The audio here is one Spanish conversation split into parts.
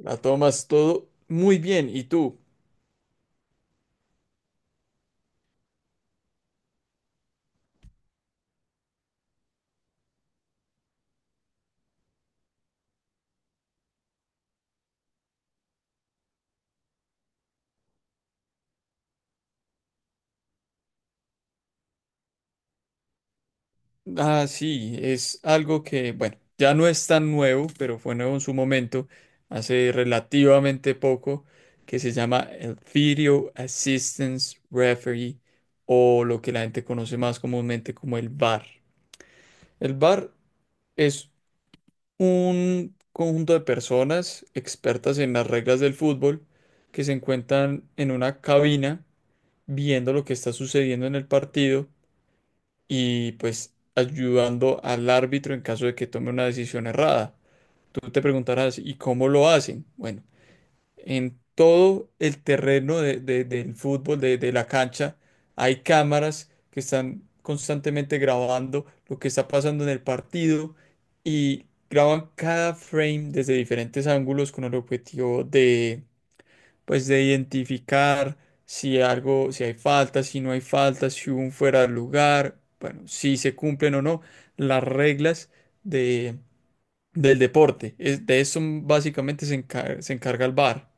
La tomas todo muy bien. ¿Y tú? Ah, sí, es algo que, bueno, ya no es tan nuevo, pero fue nuevo en su momento, hace relativamente poco, que se llama el Video Assistance Referee, o lo que la gente conoce más comúnmente como el VAR. El VAR es un conjunto de personas expertas en las reglas del fútbol que se encuentran en una cabina viendo lo que está sucediendo en el partido y pues ayudando al árbitro en caso de que tome una decisión errada. Tú te preguntarás, ¿y cómo lo hacen? Bueno, en todo el terreno del fútbol, de la cancha, hay cámaras que están constantemente grabando lo que está pasando en el partido y graban cada frame desde diferentes ángulos con el objetivo de, pues, de identificar si algo, si hay falta, si no hay falta, si hubo un fuera de lugar, bueno, si se cumplen o no las reglas de, del deporte. De eso básicamente se encarga el bar.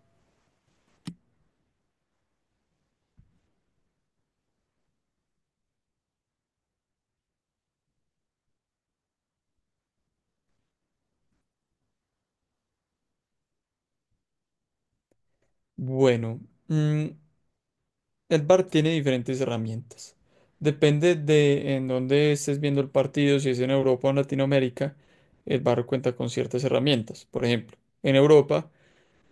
Bueno, mm, el VAR tiene diferentes herramientas. Depende de en dónde estés viendo el partido, si es en Europa o en Latinoamérica, el VAR cuenta con ciertas herramientas. Por ejemplo, en Europa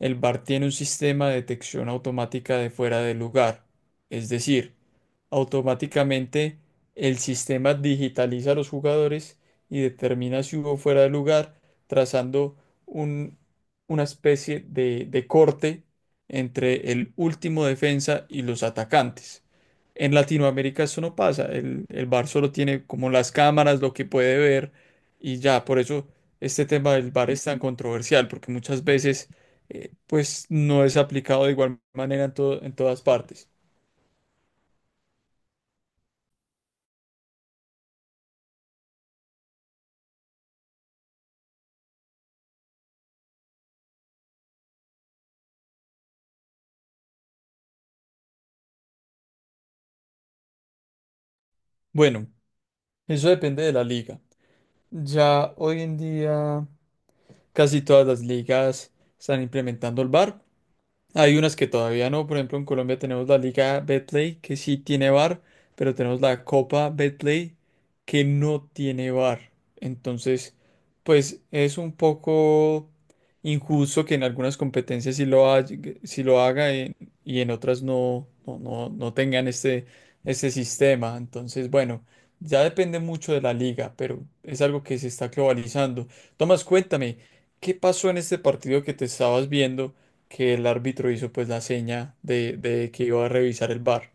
el VAR tiene un sistema de detección automática de fuera de lugar, es decir, automáticamente el sistema digitaliza a los jugadores y determina si hubo fuera de lugar, trazando un- una especie de corte entre el último defensa y los atacantes. En Latinoamérica eso no pasa, el VAR solo tiene como las cámaras, lo que puede ver y ya. Por eso este tema del VAR es tan controversial, porque muchas veces pues no es aplicado de igual manera en todas partes. Bueno, eso depende de la liga. Ya hoy en día casi todas las ligas están implementando el VAR. Hay unas que todavía no. Por ejemplo, en Colombia tenemos la Liga Betplay que sí tiene bar, pero tenemos la Copa Betplay que no tiene bar. Entonces, pues es un poco injusto que en algunas competencias sí lo haga y en otras no tengan este sistema. Entonces, bueno, ya depende mucho de la liga, pero es algo que se está globalizando. Tomás, cuéntame, ¿qué pasó en este partido que te estabas viendo, que el árbitro hizo pues la seña de que iba a revisar el bar?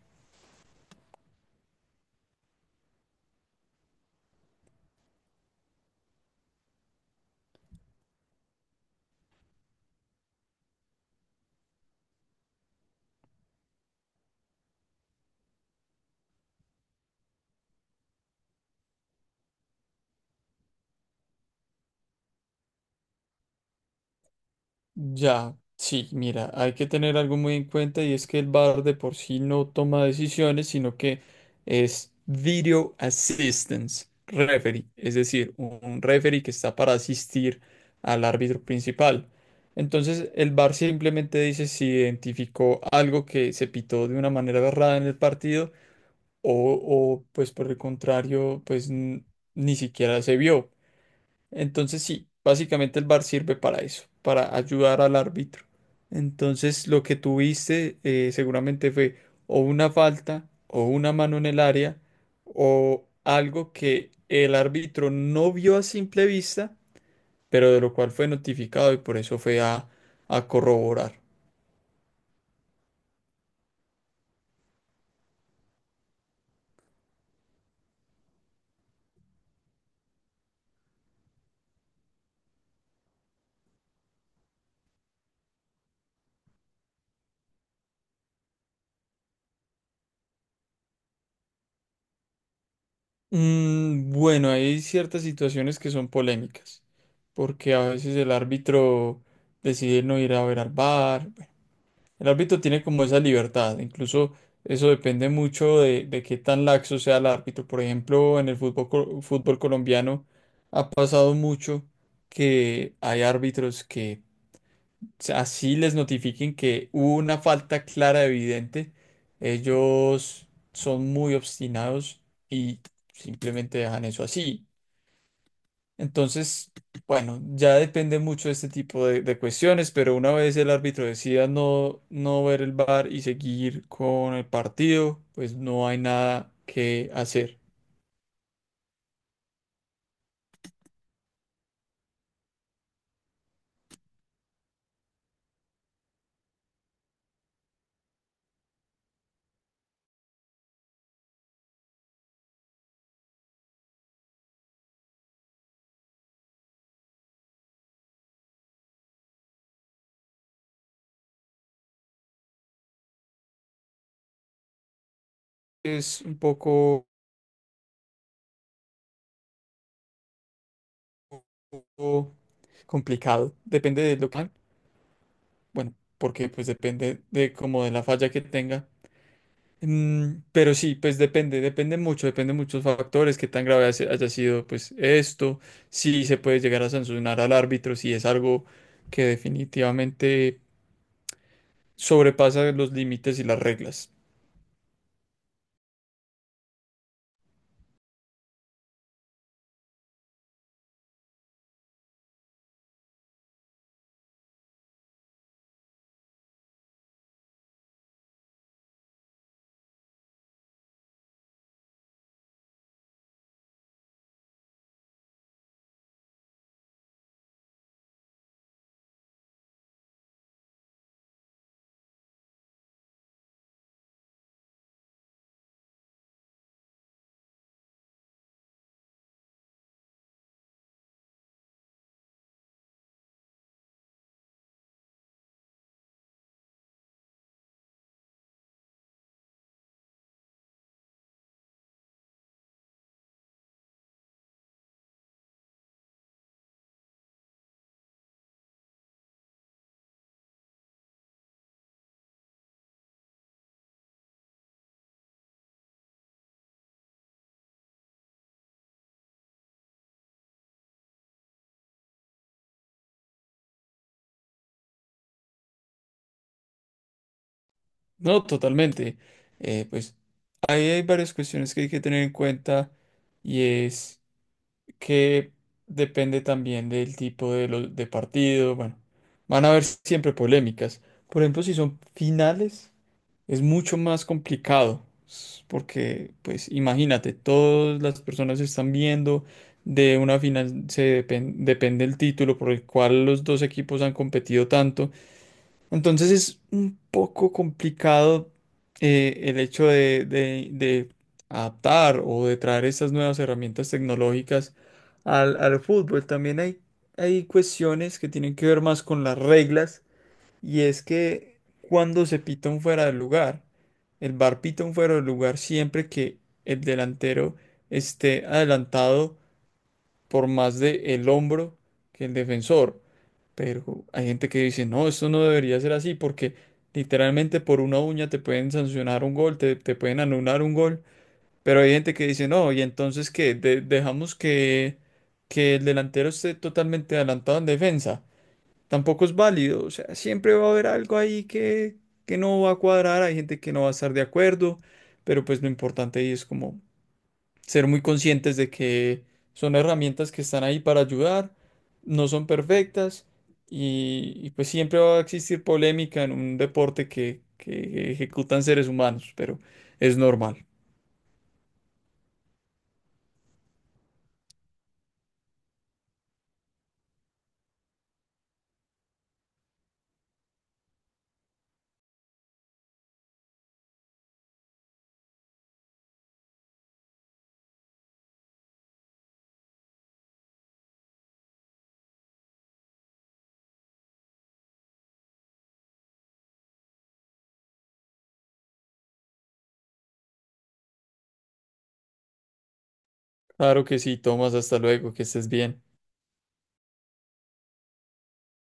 Ya, sí, mira, hay que tener algo muy en cuenta, y es que el bar de por sí no toma decisiones, sino que es Video Assistance Referee, es decir, un referee que está para asistir al árbitro principal. Entonces, el bar simplemente dice si identificó algo que se pitó de una manera errada en el partido o, o, pues por el contrario, ni siquiera se vio. Entonces sí, básicamente el VAR sirve para eso, para ayudar al árbitro. Entonces lo que tuviste seguramente fue o una falta o una mano en el área o algo que el árbitro no vio a simple vista, pero de lo cual fue notificado y por eso fue a corroborar. Mm, bueno, hay ciertas situaciones que son polémicas, porque a veces el árbitro decide no ir a ver al VAR. El árbitro tiene como esa libertad, incluso eso depende mucho de qué tan laxo sea el árbitro. Por ejemplo, en el fútbol, fútbol colombiano ha pasado mucho que hay árbitros que así les notifiquen que hubo una falta clara, evidente, ellos son muy obstinados y simplemente dejan eso así. Entonces, bueno, ya depende mucho de este tipo de cuestiones, pero una vez el árbitro decida no, no ver el VAR y seguir con el partido, pues no hay nada que hacer. Es un poco poco complicado. Depende de lo que hagan. Bueno, porque pues depende de como de la falla que tenga. Pero sí, pues depende, depende mucho, depende de muchos factores, qué tan grave haya sido pues esto, si se puede llegar a sancionar al árbitro, si es algo que definitivamente sobrepasa los límites y las reglas. No, totalmente. Pues ahí hay varias cuestiones que hay que tener en cuenta, y es que depende también del tipo de, de partido. Bueno, van a haber siempre polémicas. Por ejemplo, si son finales. Es mucho más complicado porque, pues, imagínate, todas las personas están viendo de una final, depende el título por el cual los dos equipos han competido tanto. Entonces es un poco complicado, el hecho de, de adaptar o de traer estas nuevas herramientas tecnológicas al fútbol. También hay cuestiones que tienen que ver más con las reglas, y es que cuando se pita un fuera del lugar, el bar pita un fuera del lugar siempre que el delantero esté adelantado por más de el hombro que el defensor. Pero hay gente que dice, no, esto no debería ser así, porque literalmente por una uña te pueden sancionar un gol, te pueden anular un gol. Pero hay gente que dice, no, y entonces que dejamos que el delantero esté totalmente adelantado en defensa tampoco es válido. O sea, siempre va a haber algo ahí que no va a cuadrar, hay gente que no va a estar de acuerdo, pero pues lo importante ahí es como ser muy conscientes de que son herramientas que están ahí para ayudar, no son perfectas, y pues siempre va a existir polémica en un deporte que ejecutan seres humanos, pero es normal. Claro que sí, Tomás, hasta luego, que estés bien.